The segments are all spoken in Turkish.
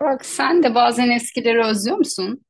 Burak, sen de bazen eskileri özlüyor musun?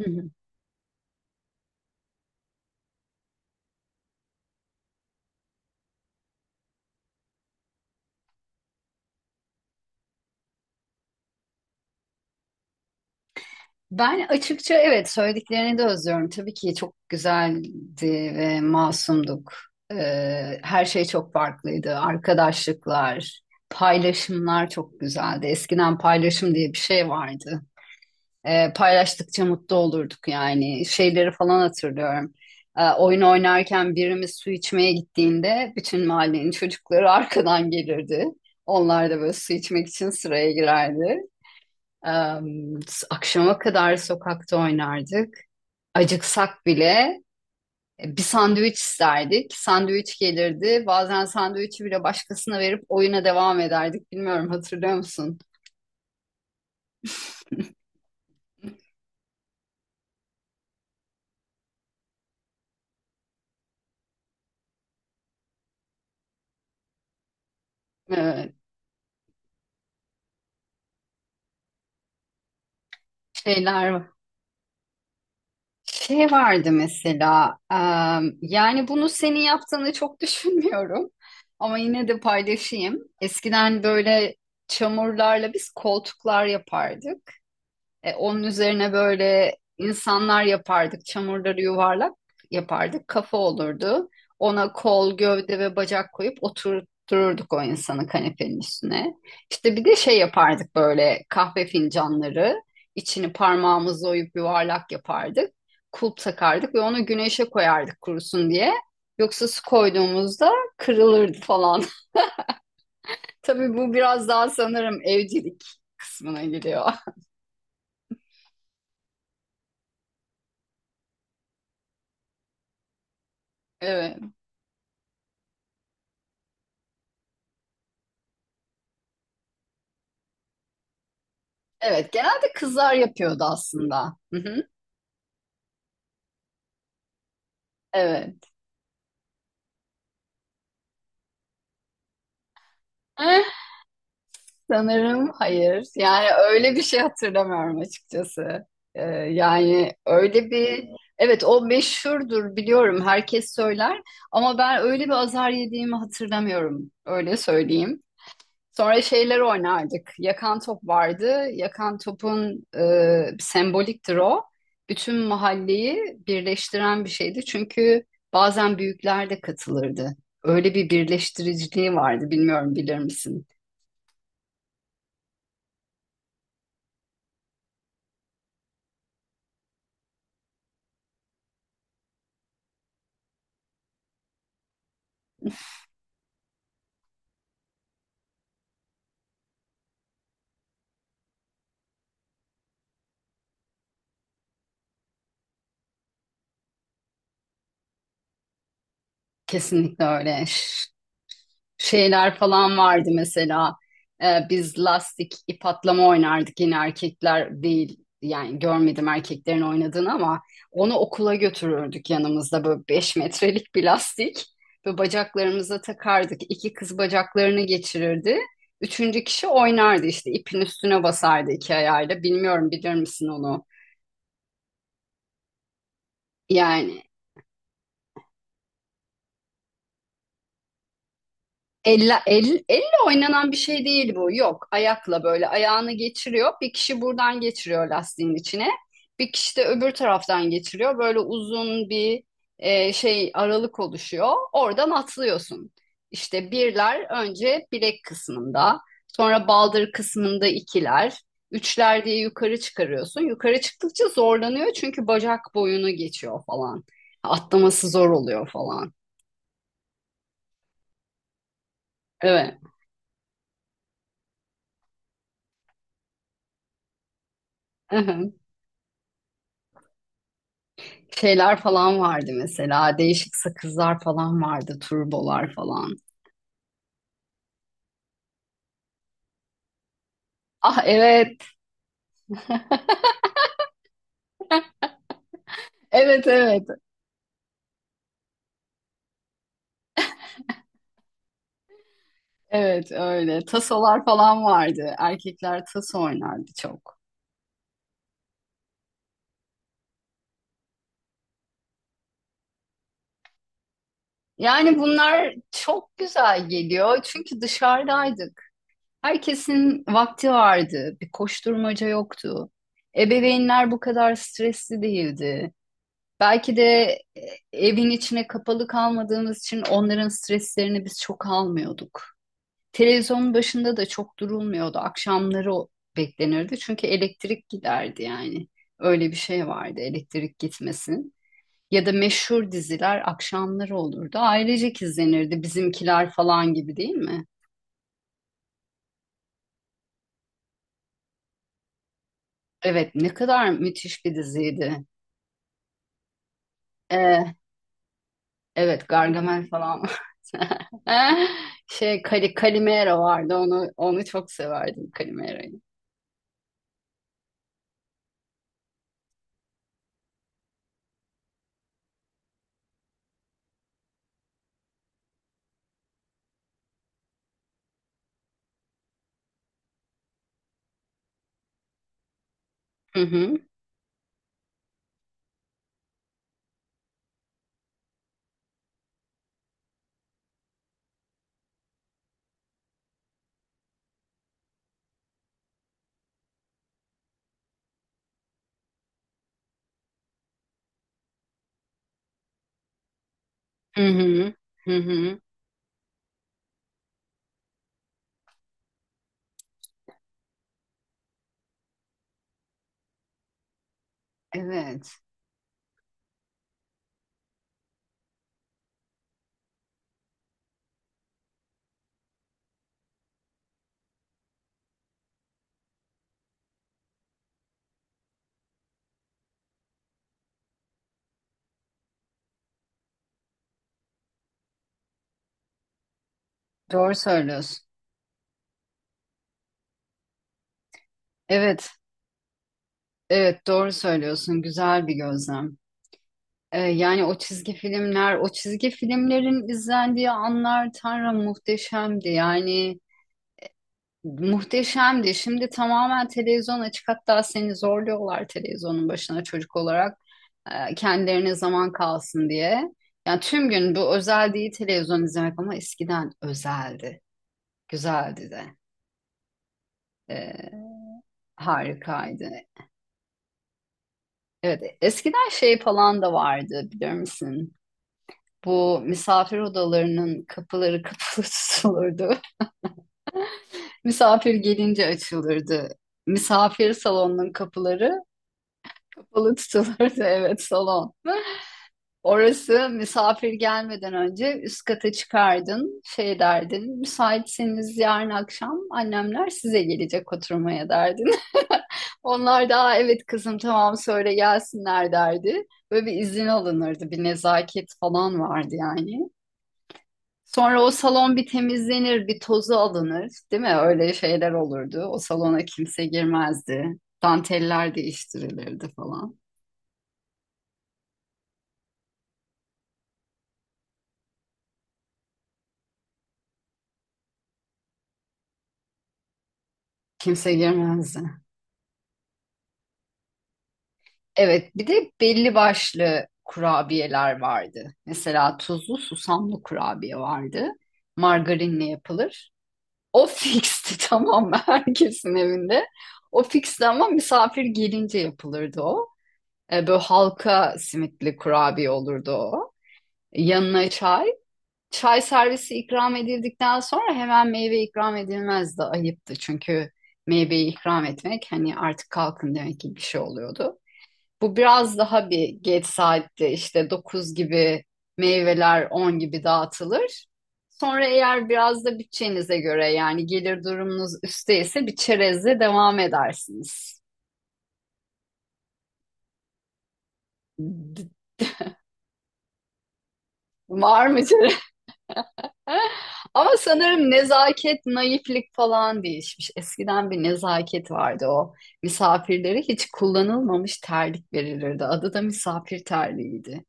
Hı hı. Ben açıkça evet söylediklerini de özlüyorum. Tabii ki çok güzeldi ve masumduk. Her şey çok farklıydı. Arkadaşlıklar, paylaşımlar çok güzeldi. Eskiden paylaşım diye bir şey vardı. Paylaştıkça mutlu olurduk yani. Şeyleri falan hatırlıyorum. Oyun oynarken birimiz su içmeye gittiğinde bütün mahallenin çocukları arkadan gelirdi. Onlar da böyle su içmek için sıraya girerdi. E, Akşama kadar sokakta oynardık. Acıksak bile bir sandviç isterdik. Sandviç gelirdi. Bazen sandviçi bile başkasına verip oyuna devam ederdik. Bilmiyorum hatırlıyor musun? E, şeyler Şey vardı mesela, yani bunu senin yaptığını çok düşünmüyorum ama yine de paylaşayım. Eskiden böyle çamurlarla biz koltuklar yapardık. Onun üzerine böyle insanlar yapardık. Çamurları yuvarlak yapardık. Kafa olurdu. Ona kol, gövde ve bacak koyup oturturduk o insanı kanepenin üstüne. İşte bir de şey yapardık böyle kahve fincanları. İçini parmağımızla oyup yuvarlak yapardık. Kulp takardık ve onu güneşe koyardık kurusun diye. Yoksa su koyduğumuzda kırılırdı falan. Tabii bu biraz daha sanırım evcilik kısmına giriyor. Evet. Evet, genelde kızlar yapıyordu aslında. Hı hı, evet. Eh, Sanırım hayır. Yani öyle bir şey hatırlamıyorum açıkçası. Yani öyle bir... Evet, o meşhurdur biliyorum. Herkes söyler. Ama ben öyle bir azar yediğimi hatırlamıyorum. Öyle söyleyeyim. Sonra şeyler oynardık. Yakan top vardı. Yakan topun semboliktir o. Bütün mahalleyi birleştiren bir şeydi. Çünkü bazen büyükler de katılırdı. Öyle bir birleştiriciliği vardı. Bilmiyorum bilir misin? Kesinlikle öyle. Şeyler falan vardı mesela. Biz lastik ip atlama oynardık, yine erkekler değil, yani görmedim erkeklerin oynadığını ama onu okula götürürdük yanımızda böyle 5 metrelik bir lastik ve bacaklarımıza takardık. İki kız bacaklarını geçirirdi. Üçüncü kişi oynardı, işte ipin üstüne basardı iki ayağıyla. Bilmiyorum bilir misin onu? Yani elle oynanan bir şey değil bu. Yok. Ayakla böyle ayağını geçiriyor. Bir kişi buradan geçiriyor lastiğin içine. Bir kişi de öbür taraftan geçiriyor. Böyle uzun bir şey aralık oluşuyor. Oradan atlıyorsun. İşte birler önce bilek kısmında, sonra baldır kısmında ikiler, üçler diye yukarı çıkarıyorsun. Yukarı çıktıkça zorlanıyor çünkü bacak boyunu geçiyor falan. Atlaması zor oluyor falan. Evet. Şeyler falan vardı mesela. Değişik sakızlar falan vardı. Turbolar falan. Ah evet. Evet evet. Evet öyle. Tasolar falan vardı. Erkekler taso oynardı çok. Yani bunlar çok güzel geliyor. Çünkü dışarıdaydık. Herkesin vakti vardı. Bir koşturmaca yoktu. Ebeveynler bu kadar stresli değildi. Belki de e, evin içine kapalı kalmadığımız için onların streslerini biz çok almıyorduk. Televizyonun başında da çok durulmuyordu. Akşamları o beklenirdi. Çünkü elektrik giderdi yani. Öyle bir şey vardı, elektrik gitmesin. Ya da meşhur diziler akşamları olurdu. Ailecek izlenirdi Bizimkiler falan gibi, değil mi? Evet, ne kadar müthiş bir diziydi. Ee, evet, Gargamel falan vardı. Şey Kalimero vardı, onu çok severdim, Kalimero'yu. Hı hı. Hı hı. Hı hı. Evet. Doğru söylüyorsun. Evet. Evet doğru söylüyorsun. Güzel bir gözlem. Yani o çizgi filmlerin izlendiği anlar, Tanrım, muhteşemdi. Yani muhteşemdi. Şimdi tamamen televizyon açık. Hatta seni zorluyorlar televizyonun başına, çocuk olarak. Kendilerine zaman kalsın diye. Yani tüm gün bu, özel değil televizyon izlemek, ama eskiden özeldi. Güzeldi de. Ee, Harikaydı. Evet, eskiden şey falan da vardı, biliyor musun? Bu misafir odalarının kapıları kapalı tutulurdu. Misafir gelince açılırdı. Misafir salonunun kapıları kapalı tutulurdu. Evet, salon. Orası, misafir gelmeden önce üst kata çıkardın, şey derdin, müsaitseniz yarın akşam annemler size gelecek oturmaya derdin. Onlar da, "Aa, evet kızım tamam, söyle gelsinler," derdi. Böyle bir izin alınırdı, bir nezaket falan vardı yani. Sonra o salon bir temizlenir, bir tozu alınır, değil mi? Öyle şeyler olurdu. O salona kimse girmezdi. Danteller değiştirilirdi falan. Kimse girmezdi. Evet, bir de belli başlı kurabiyeler vardı. Mesela tuzlu susamlı kurabiye vardı. Margarinle yapılır. O fixti tamam mı? Herkesin evinde. O fixti ama misafir gelince yapılırdı o. E, böyle halka simitli kurabiye olurdu o. Yanına çay. Çay servisi ikram edildikten sonra hemen meyve ikram edilmezdi. Ayıptı çünkü meyveyi ikram etmek hani artık kalkın demek gibi bir şey oluyordu. Bu biraz daha bir geç saatte, işte 9 gibi meyveler, 10 gibi dağıtılır. Sonra eğer biraz da bütçenize göre, yani gelir durumunuz üsteyse, bir çerezle devam edersiniz. D- Var mı çerez? Ama sanırım nezaket, naiflik falan değişmiş. Eskiden bir nezaket vardı o. Misafirlere hiç kullanılmamış terlik verilirdi. Adı da misafir terliğiydi.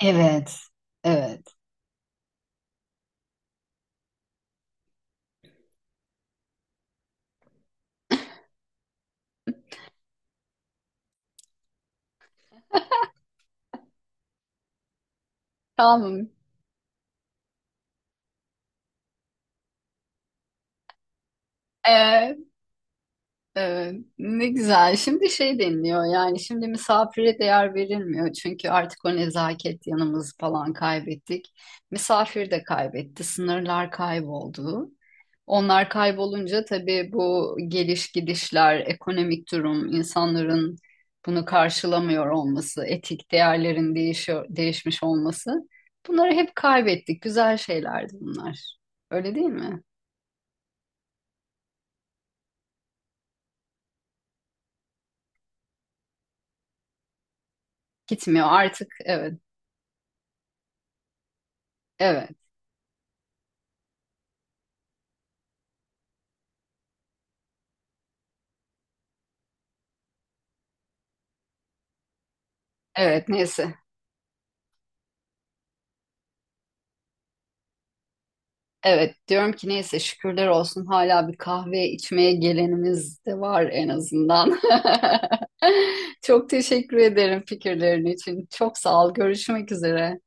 Evet, evet. Tamam. Ee. Evet, ne güzel. Şimdi şey deniliyor, yani şimdi misafire değer verilmiyor. Çünkü artık o nezaket yanımızı falan kaybettik. Misafir de kaybetti. Sınırlar kayboldu. Onlar kaybolunca tabii bu geliş gidişler, ekonomik durum, insanların bunu karşılamıyor olması, etik değerlerin değişiyor, değişmiş olması. Bunları hep kaybettik. Güzel şeylerdi bunlar. Öyle değil mi? Gitmiyor artık. Evet, evet, evet. Neyse. Evet, diyorum ki neyse, şükürler olsun hala bir kahve içmeye gelenimiz de var en azından. Çok teşekkür ederim fikirlerin için. Çok sağ ol. Görüşmek üzere.